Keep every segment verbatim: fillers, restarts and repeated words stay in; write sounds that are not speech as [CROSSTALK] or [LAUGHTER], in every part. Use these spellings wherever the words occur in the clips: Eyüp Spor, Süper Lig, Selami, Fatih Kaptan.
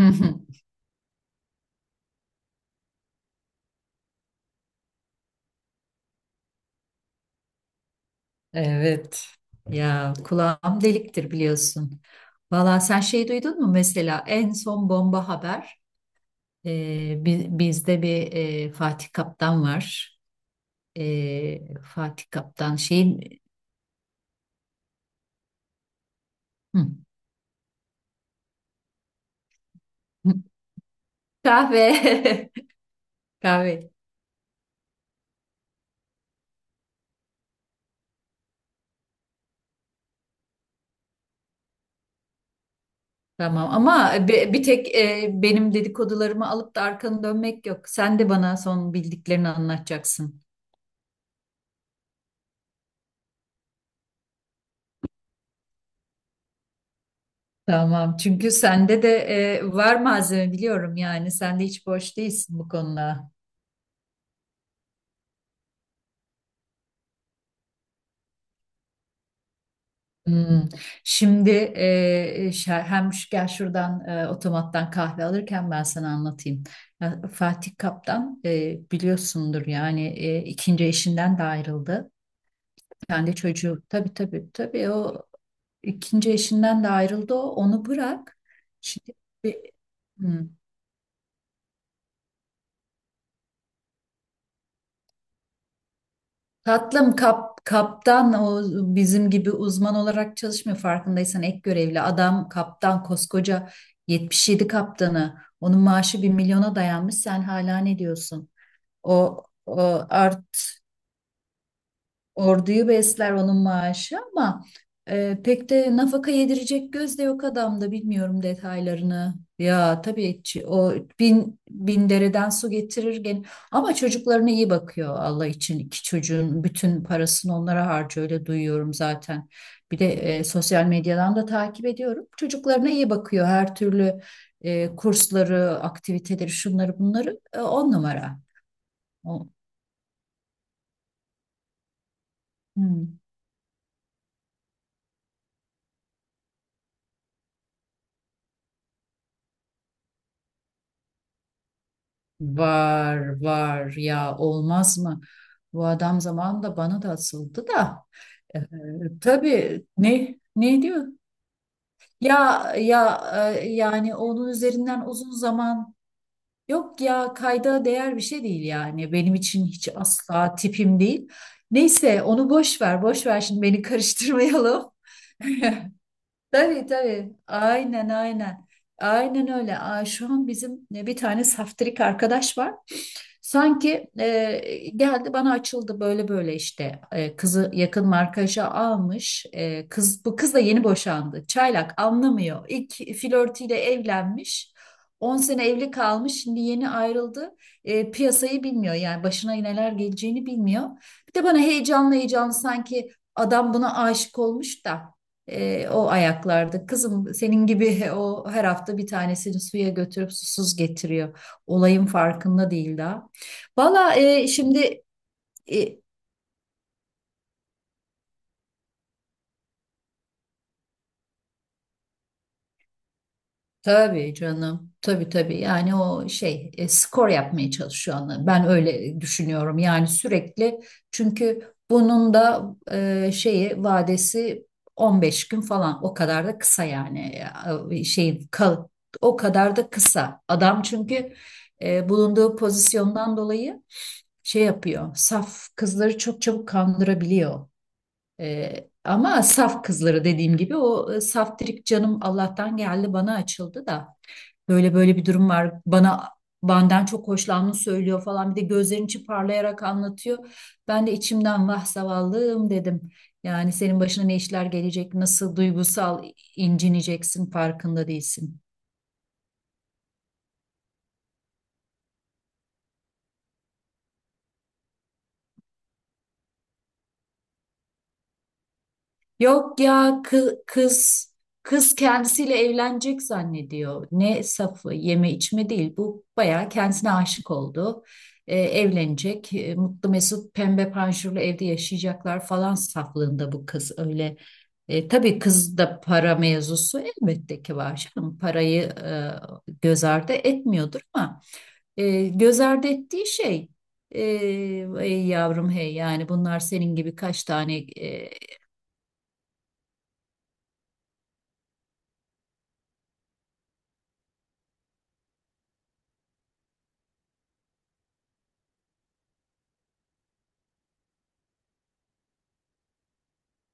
Hı hı. Evet. Ya kulağım deliktir biliyorsun. Valla sen şey duydun mu mesela en son bomba haber. E, bi- bizde bir e, Fatih Kaptan var. E, Fatih Kaptan şeyin. Hı. Kahve. [LAUGHS] Kahve, tamam ama bi- bir tek e, benim dedikodularımı alıp da arkanı dönmek yok. Sen de bana son bildiklerini anlatacaksın. Tamam. Çünkü sende de e, var malzeme, biliyorum yani. Sen de hiç boş değilsin bu konuda. Hmm. Şimdi e, şa- hem şu- gel şuradan e, otomattan kahve alırken ben sana anlatayım. Ya, Fatih Kaptan, e, biliyorsundur yani, e, ikinci eşinden de ayrıldı. Kendi çocuğu, tabii tabii tabii, o ikinci eşinden de ayrıldı, o onu bırak. Şimdi, e, hmm. tatlım, kap, kaptan o bizim gibi uzman olarak çalışmıyor farkındaysan, ek görevli adam, kaptan, koskoca yetmiş yedi kaptanı, onun maaşı bir milyona dayanmış, sen hala ne diyorsun? O, o orduyu besler onun maaşı, ama e, pek de nafaka yedirecek göz de yok adamda, bilmiyorum detaylarını. Ya tabii, çi- o bin, bin dereden su getirir gene. Ama çocuklarına iyi bakıyor Allah için. İki çocuğun bütün parasını onlara harcıyor, öyle duyuyorum zaten. Bir de e, sosyal medyadan da takip ediyorum. Çocuklarına iyi bakıyor her türlü, e, kursları, aktiviteleri, şunları bunları, e, on numara. O, Hmm. Var var ya, olmaz mı? Bu adam zamanında bana da asıldı da. Ee, tabii, ne ne diyor? Ya ya, e, yani onun üzerinden uzun zaman, yok ya, kayda değer bir şey değil yani. Benim için hiç, asla tipim değil. Neyse onu boş ver boş ver, şimdi beni [LAUGHS] karıştırmayalım. Tabii tabii, aynen aynen. Aynen öyle. Aa, şu an bizim e, bir tane saftirik arkadaş var. Sanki e, geldi bana açıldı böyle böyle işte. E, kızı yakın markaja almış. E, kız Bu kız da yeni boşandı. Çaylak anlamıyor. İlk flörtüyle evlenmiş. On sene evli kalmış. Şimdi yeni ayrıldı. E, piyasayı bilmiyor yani, başına neler geleceğini bilmiyor. Bir de bana heyecanlı heyecanlı, sanki adam buna aşık olmuş da e, o ayaklarda. Kızım, senin gibi [LAUGHS] o her hafta bir tanesini suya götürüp susuz getiriyor. Olayın farkında değil daha. Valla, e, şimdi e, tabii canım, tabii tabii yani, o şey, e, skor yapmaya çalışıyor, anla. Ben öyle düşünüyorum yani, sürekli, çünkü bunun da e, şeyi vadesi on beş gün falan, o kadar da kısa yani. E, şey kal, O kadar da kısa adam, çünkü e, bulunduğu pozisyondan dolayı şey yapıyor, saf kızları çok çabuk kandırabiliyor. Ee, ama saf kızları, dediğim gibi, o e, saftirik canım Allah'tan geldi bana açıldı da böyle böyle bir durum var, bana benden çok hoşlandığını söylüyor falan, bir de gözlerin içi parlayarak anlatıyor. Ben de içimden vah zavallım dedim. Yani senin başına ne işler gelecek, nasıl duygusal incineceksin farkında değilsin. Yok ya, kız kız kız kendisiyle evlenecek zannediyor. Ne safı, yeme içme değil bu, bayağı kendisine aşık oldu. Ee, evlenecek, e, mutlu mesut pembe panjurlu evde yaşayacaklar falan saflığında, bu kız öyle. E, tabii kız da, para mevzusu elbette ki var canım. Parayı e, göz ardı etmiyordur, ama e, göz ardı ettiği şey, e, ey yavrum hey, yani bunlar senin gibi kaç tane e,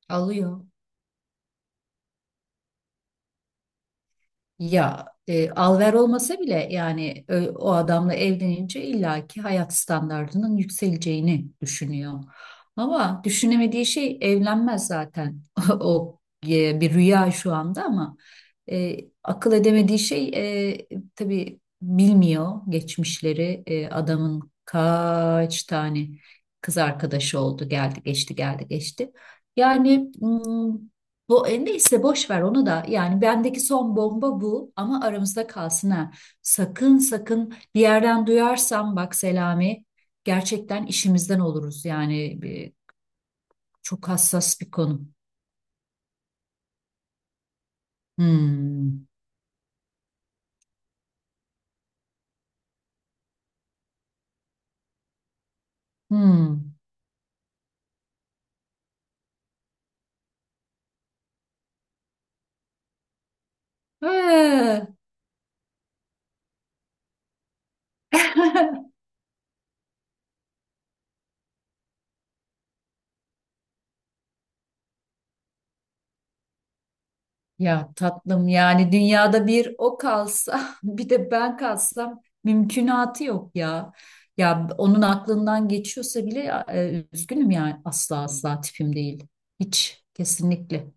alıyor. Ya, e, al olmasa bile yani, e, o adamla evlenince illaki hayat standartının yükseleceğini düşünüyor. Ama düşünemediği şey, evlenmez zaten. [LAUGHS] O e, bir rüya şu anda, ama e, akıl edemediği şey, e, tabii bilmiyor geçmişleri. E, adamın kaç tane kız arkadaşı oldu, geldi geçti geldi geçti. Yani bu, e, neyse boş ver onu da. Yani bendeki son bomba bu, ama aramızda kalsın ha. Sakın sakın bir yerden duyarsam bak Selami, gerçekten işimizden oluruz. Yani e, çok hassas bir konu. Hmm. Hmm. Ee. [LAUGHS] Ya tatlım, yani dünyada bir o kalsa [LAUGHS] bir de ben kalsam, mümkünatı yok ya. Ya onun aklından geçiyorsa bile, e, üzgünüm yani, asla asla tipim değil. Hiç, kesinlikle.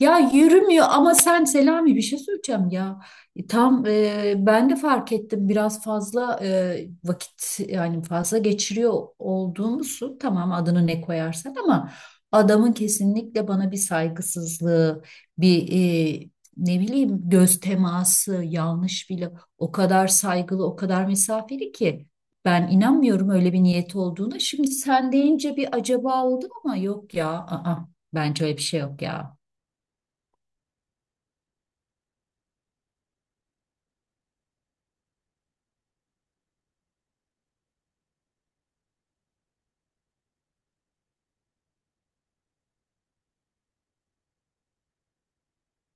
Ya yürümüyor, ama sen Selami, bir şey söyleyeceğim ya. E, Tam, e, ben de fark ettim biraz fazla, e, vakit yani fazla geçiriyor olduğumuzu, tamam adını ne koyarsan, ama adamın kesinlikle bana bir saygısızlığı, bir, e, ne bileyim, göz teması yanlış bile, o kadar saygılı, o kadar mesafeli ki, ben inanmıyorum öyle bir niyet olduğuna. Şimdi sen deyince bir acaba oldum, ama yok ya. Aa, bence öyle bir şey yok ya.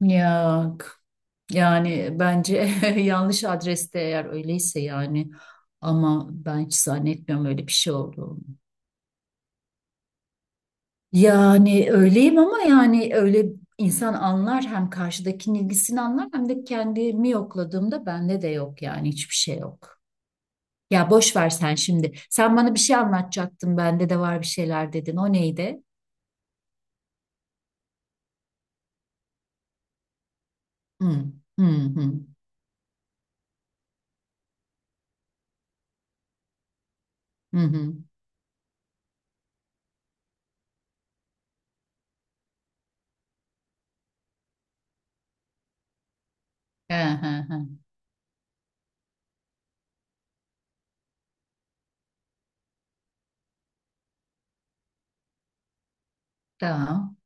Ya, yani bence [LAUGHS] yanlış adreste, eğer öyleyse yani, ama ben hiç zannetmiyorum öyle bir şey olduğunu. Yani öyleyim ama, yani öyle, insan anlar, hem karşıdakinin ilgisini anlar, hem de kendimi yokladığımda bende de yok yani, hiçbir şey yok. Ya boş ver sen şimdi. Sen bana bir şey anlatacaktın, bende de var bir şeyler dedin. O neydi? Hı hı, hı hı hı. Hı. He, he, he. Tamam.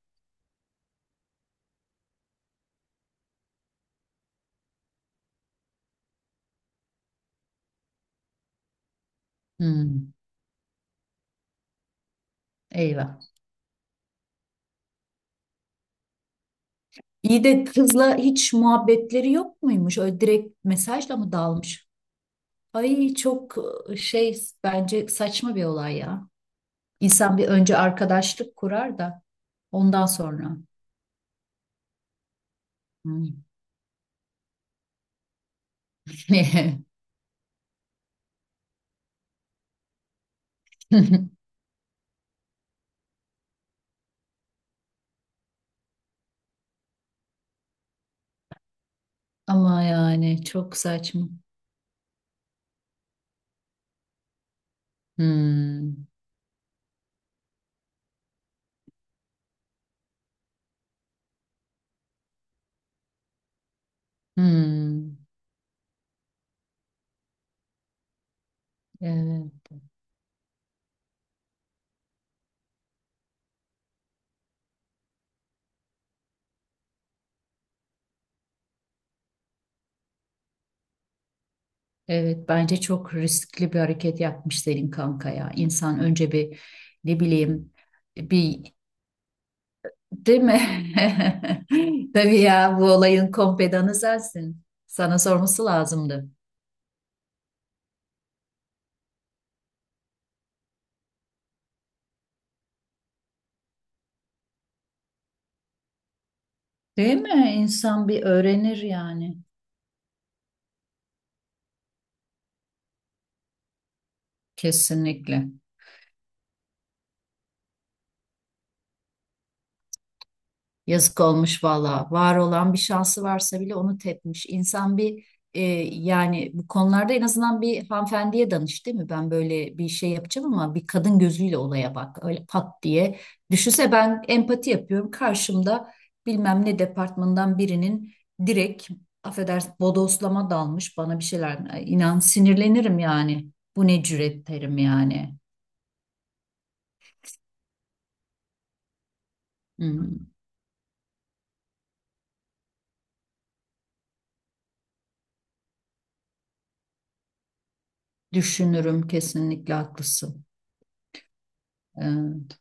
Hı. Eyvah. İyi de kızla hiç muhabbetleri yok muymuş? Öyle direkt mesajla mı dalmış? Ay çok, e, şey bence saçma bir olay ya. İnsan bir önce arkadaşlık kurar da ondan sonra. Hmm. [LAUGHS] Ama yani çok saçma. Hmm. Hmm. Evet. Evet, bence çok riskli bir hareket yapmış senin kanka ya. İnsan önce bir, ne bileyim, bir. Değil mi? [LAUGHS] Tabii ya, bu olayın kompedanı sensin. Sana sorması lazımdı. Değil mi? İnsan bir öğrenir yani. Kesinlikle. Yazık olmuş valla. Var olan bir şansı varsa bile onu tepmiş. İnsan bir, e, yani bu konularda en azından bir hanımefendiye danış değil mi? Ben böyle bir şey yapacağım ama, bir kadın gözüyle olaya bak. Öyle pat diye. Düşünse, ben empati yapıyorum. Karşımda bilmem ne departmandan birinin direkt, affedersin, bodoslama dalmış bana bir şeyler. Ay, İnan sinirlenirim yani. Bu ne cüret derim yani. Hmm, düşünürüm, kesinlikle haklısın. Ee,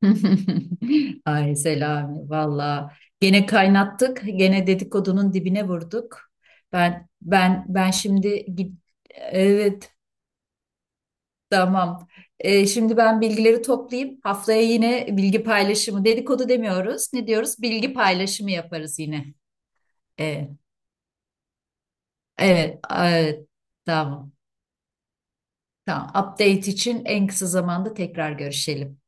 [LAUGHS] Ay Selami, valla gene kaynattık, gene dedikodunun dibine vurduk. Ben ben ben şimdi git, evet, tamam. Ee, şimdi ben bilgileri toplayayım. Haftaya yine bilgi paylaşımı, dedikodu demiyoruz. Ne diyoruz? Bilgi paylaşımı yaparız yine. Ee, evet, evet, tamam. Tamam. Update için en kısa zamanda tekrar görüşelim.